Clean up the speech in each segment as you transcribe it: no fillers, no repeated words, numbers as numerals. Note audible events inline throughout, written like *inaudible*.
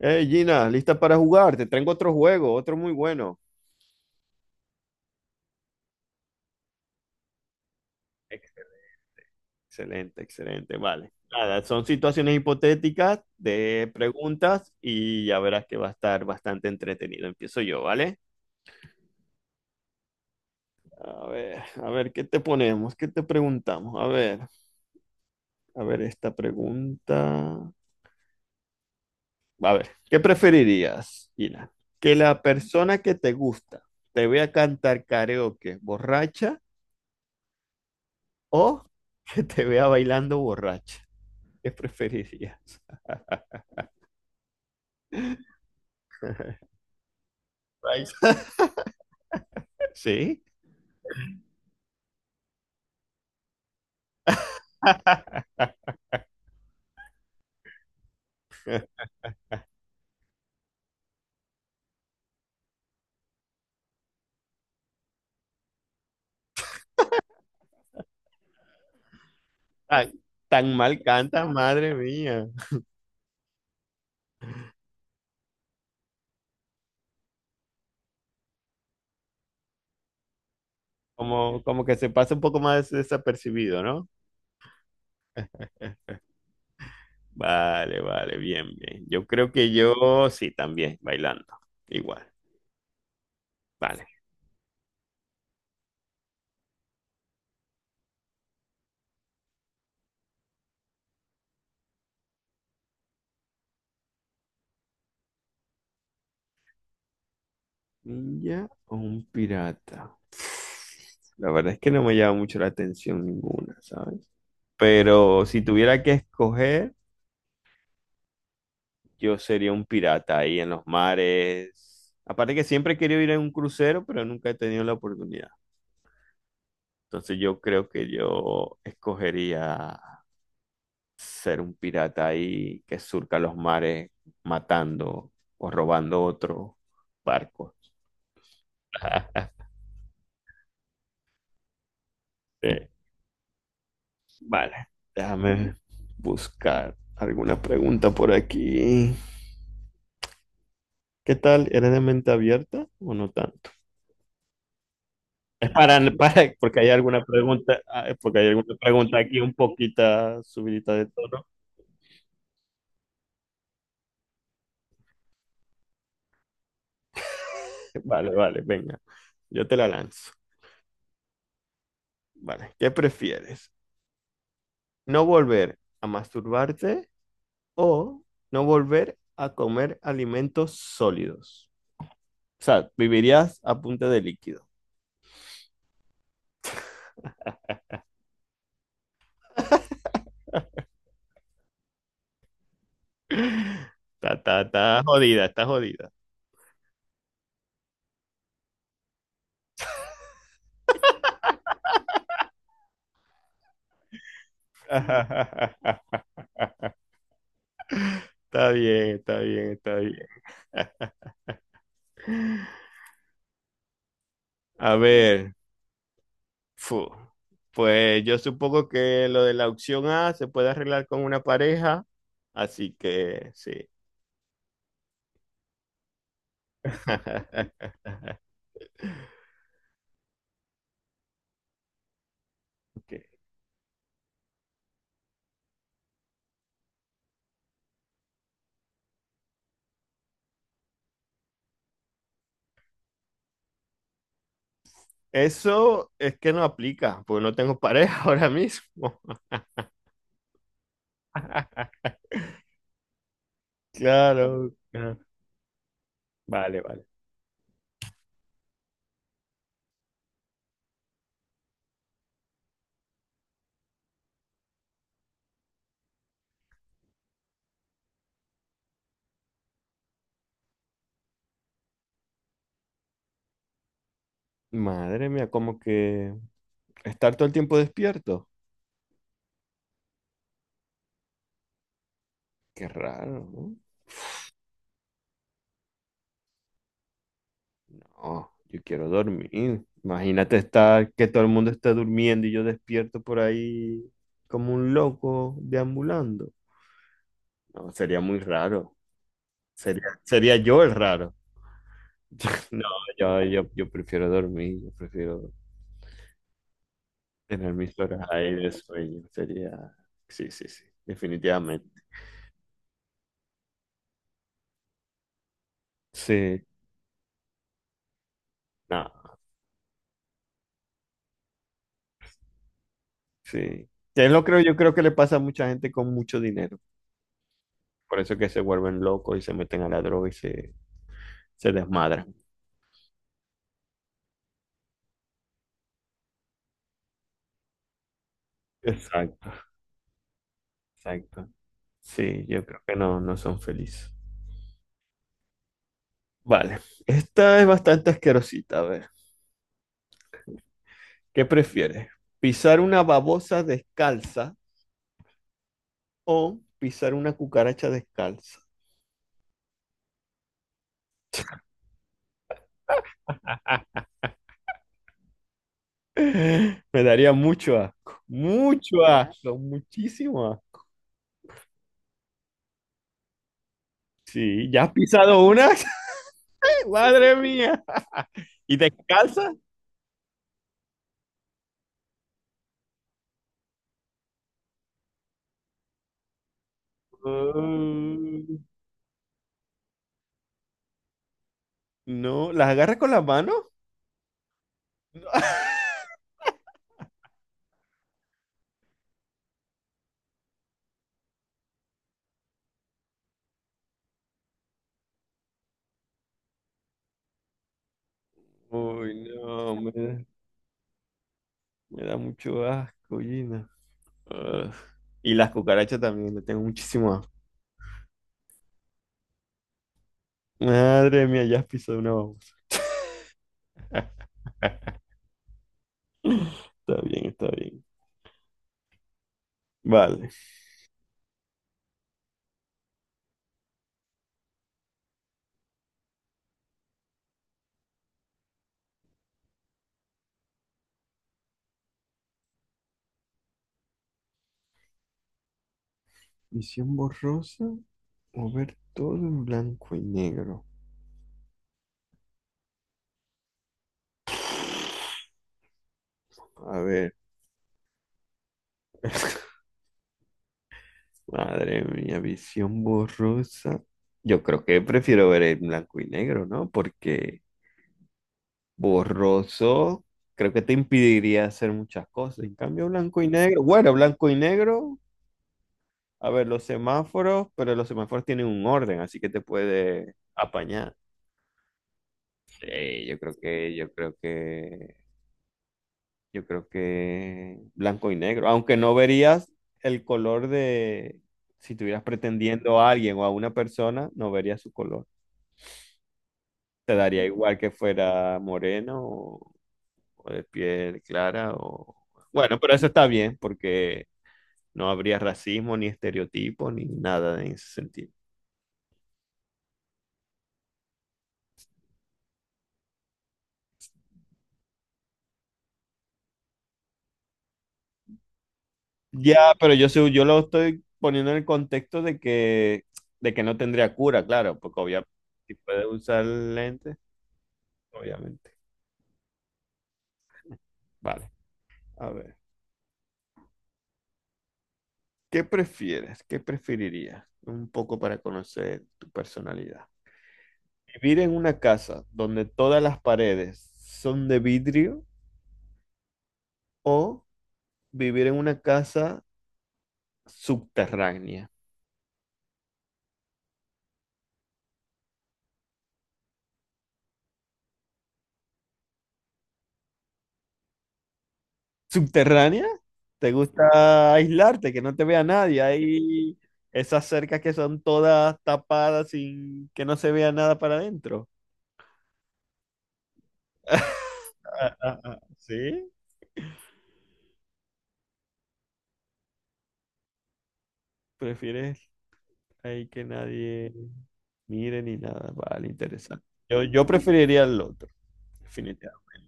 Hey Gina, ¿lista para jugar? Te traigo otro juego, otro muy bueno. Excelente, excelente, vale. Nada, son situaciones hipotéticas de preguntas y ya verás que va a estar bastante entretenido. Empiezo yo, ¿vale? A ver, ¿qué te ponemos? ¿Qué te preguntamos? A ver esta pregunta. A ver, ¿qué preferirías, Gina? ¿Que la persona que te gusta te vea cantar karaoke borracha o que te vea bailando borracha? ¿Qué preferirías? Right. Sí. *laughs* Ay, tan mal canta, madre mía. Como, como que se pasa un poco más desapercibido, ¿no? Eh, Vale, vale, bien, bien. Yo creo que yo sí, también, bailando. Igual, vale. ¿Ninja o un pirata? La verdad es que no me llama mucho la atención ninguna, ¿sabes? Pero si tuviera que escoger, yo sería un pirata ahí en los mares. Aparte que siempre he querido ir en un crucero, pero nunca he tenido la oportunidad. Entonces yo creo que yo escogería ser un pirata ahí que surca los mares matando o robando otros barcos. *laughs* Sí. Vale, déjame buscar alguna pregunta por aquí. ¿Qué tal? ¿Eres de mente abierta o no tanto? Para, porque hay alguna pregunta aquí un poquito subidita de tono. Vale, vale, venga. Yo te la lanzo. Vale, ¿qué prefieres? ¿No volver a masturbarte o no volver a comer alimentos sólidos? O sea, vivirías a punta de líquido. *laughs* Está jodida, está jodida. *laughs* Está bien, está bien, está bien. *laughs* A ver, Fu. Pues yo supongo que lo de la opción A se puede arreglar con una pareja, así que sí. *laughs* Ok. Eso es que no aplica, porque no tengo pareja ahora mismo. *laughs* Claro, claro. Vale, vale. Madre mía, como que estar todo el tiempo despierto. Qué raro, ¿no? Oh, yo quiero dormir. Imagínate estar, que todo el mundo está durmiendo y yo despierto por ahí como un loco deambulando. No, sería muy raro. Sería, sería yo el raro. *laughs* No, yo prefiero dormir, yo prefiero tener mis horas ahí de sueño. Sería, sí, sí, sí, definitivamente. Sí, no, sí. Que Es lo creo, yo creo que le pasa a mucha gente con mucho dinero. Por eso que se vuelven locos y se meten a la droga y se desmadran. Exacto. Exacto. Sí, yo creo que no, no son felices. Vale, esta es bastante asquerosita. A ver, ¿qué prefieres? ¿Pisar una babosa descalza o pisar una cucaracha descalza? *laughs* Me daría mucho asco, muchísimo asco. Sí, ¿ya has pisado una? *laughs* Madre mía. *laughs* ¿Y descalza? Mm, no, ¿las agarras con las manos? *laughs* Uy, no, hombre. Me da mucho asco, Gina. Ugh. Y las cucarachas también, le tengo muchísimo asco. Madre mía, ya has pisado una babosa. *laughs* Está bien, está bien. Vale. Visión borrosa o ver todo en blanco y negro. A ver. *laughs* Madre mía, visión borrosa. Yo creo que prefiero ver en blanco y negro, ¿no? Porque borroso creo que te impediría hacer muchas cosas. En cambio, blanco y negro. Bueno, blanco y negro. A ver, los semáforos, pero los semáforos tienen un orden, así que te puede apañar. Sí, yo creo que, yo creo que, yo creo que blanco y negro. Aunque no verías el color de, si estuvieras pretendiendo a alguien o a una persona, no verías su color. Te daría igual que fuera moreno o de piel clara o... Bueno, pero eso está bien porque no habría racismo ni estereotipo ni nada en ese sentido. Ya, pero yo, yo lo estoy poniendo en el contexto de que no tendría cura, claro, porque obviamente si puede usar lentes, obviamente. Vale, a ver. ¿Qué prefieres? ¿Qué preferirías? Un poco para conocer tu personalidad. ¿Vivir en una casa donde todas las paredes son de vidrio o vivir en una casa subterránea? Subterránea, te gusta aislarte, que no te vea nadie. Hay esas cercas que son todas tapadas sin que no se vea nada para adentro. *laughs* Ah, ah, ah, ¿sí? ¿Prefieres ahí que nadie mire ni nada? Vale, interesante. Yo preferiría el otro, definitivamente.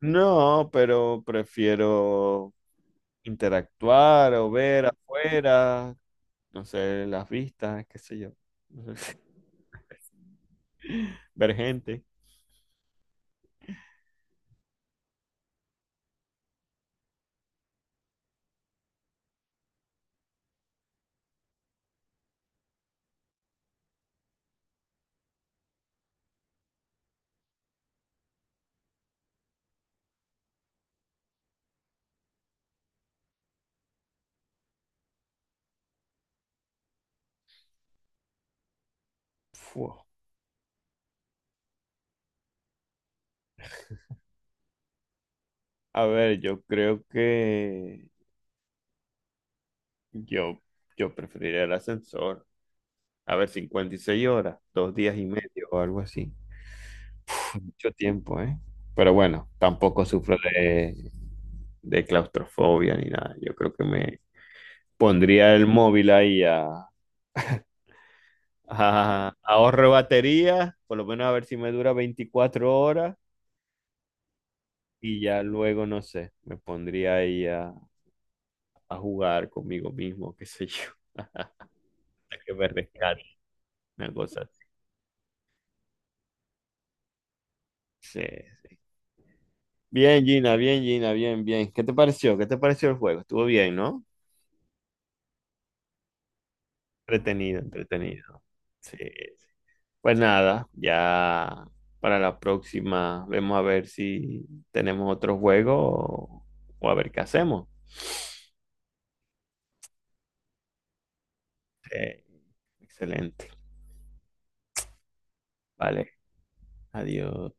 No, pero prefiero interactuar o ver afuera, no sé, las vistas, qué sé yo. No sé. *laughs* Ver gente. Fua. A ver, yo creo que yo, yo preferiría el ascensor. A ver, 56 horas, dos días y medio o algo así. Es mucho tiempo, ¿eh? Pero bueno, tampoco sufro de claustrofobia ni nada. Yo creo que me pondría el móvil ahí a, ahorro batería, por lo menos a ver si me dura 24 horas y ya luego, no sé, me pondría ahí a jugar conmigo mismo, qué sé yo, *laughs* hasta que me rescate, una cosa. Sí, sí. Bien, Gina, bien, Gina, bien, bien. ¿Qué te pareció? ¿Qué te pareció el juego? Estuvo bien, ¿no? Entretenido, entretenido. Sí, sí. Pues nada, ya para la próxima vemos a ver si tenemos otro juego o a ver qué hacemos. Sí, excelente. Vale, adiós.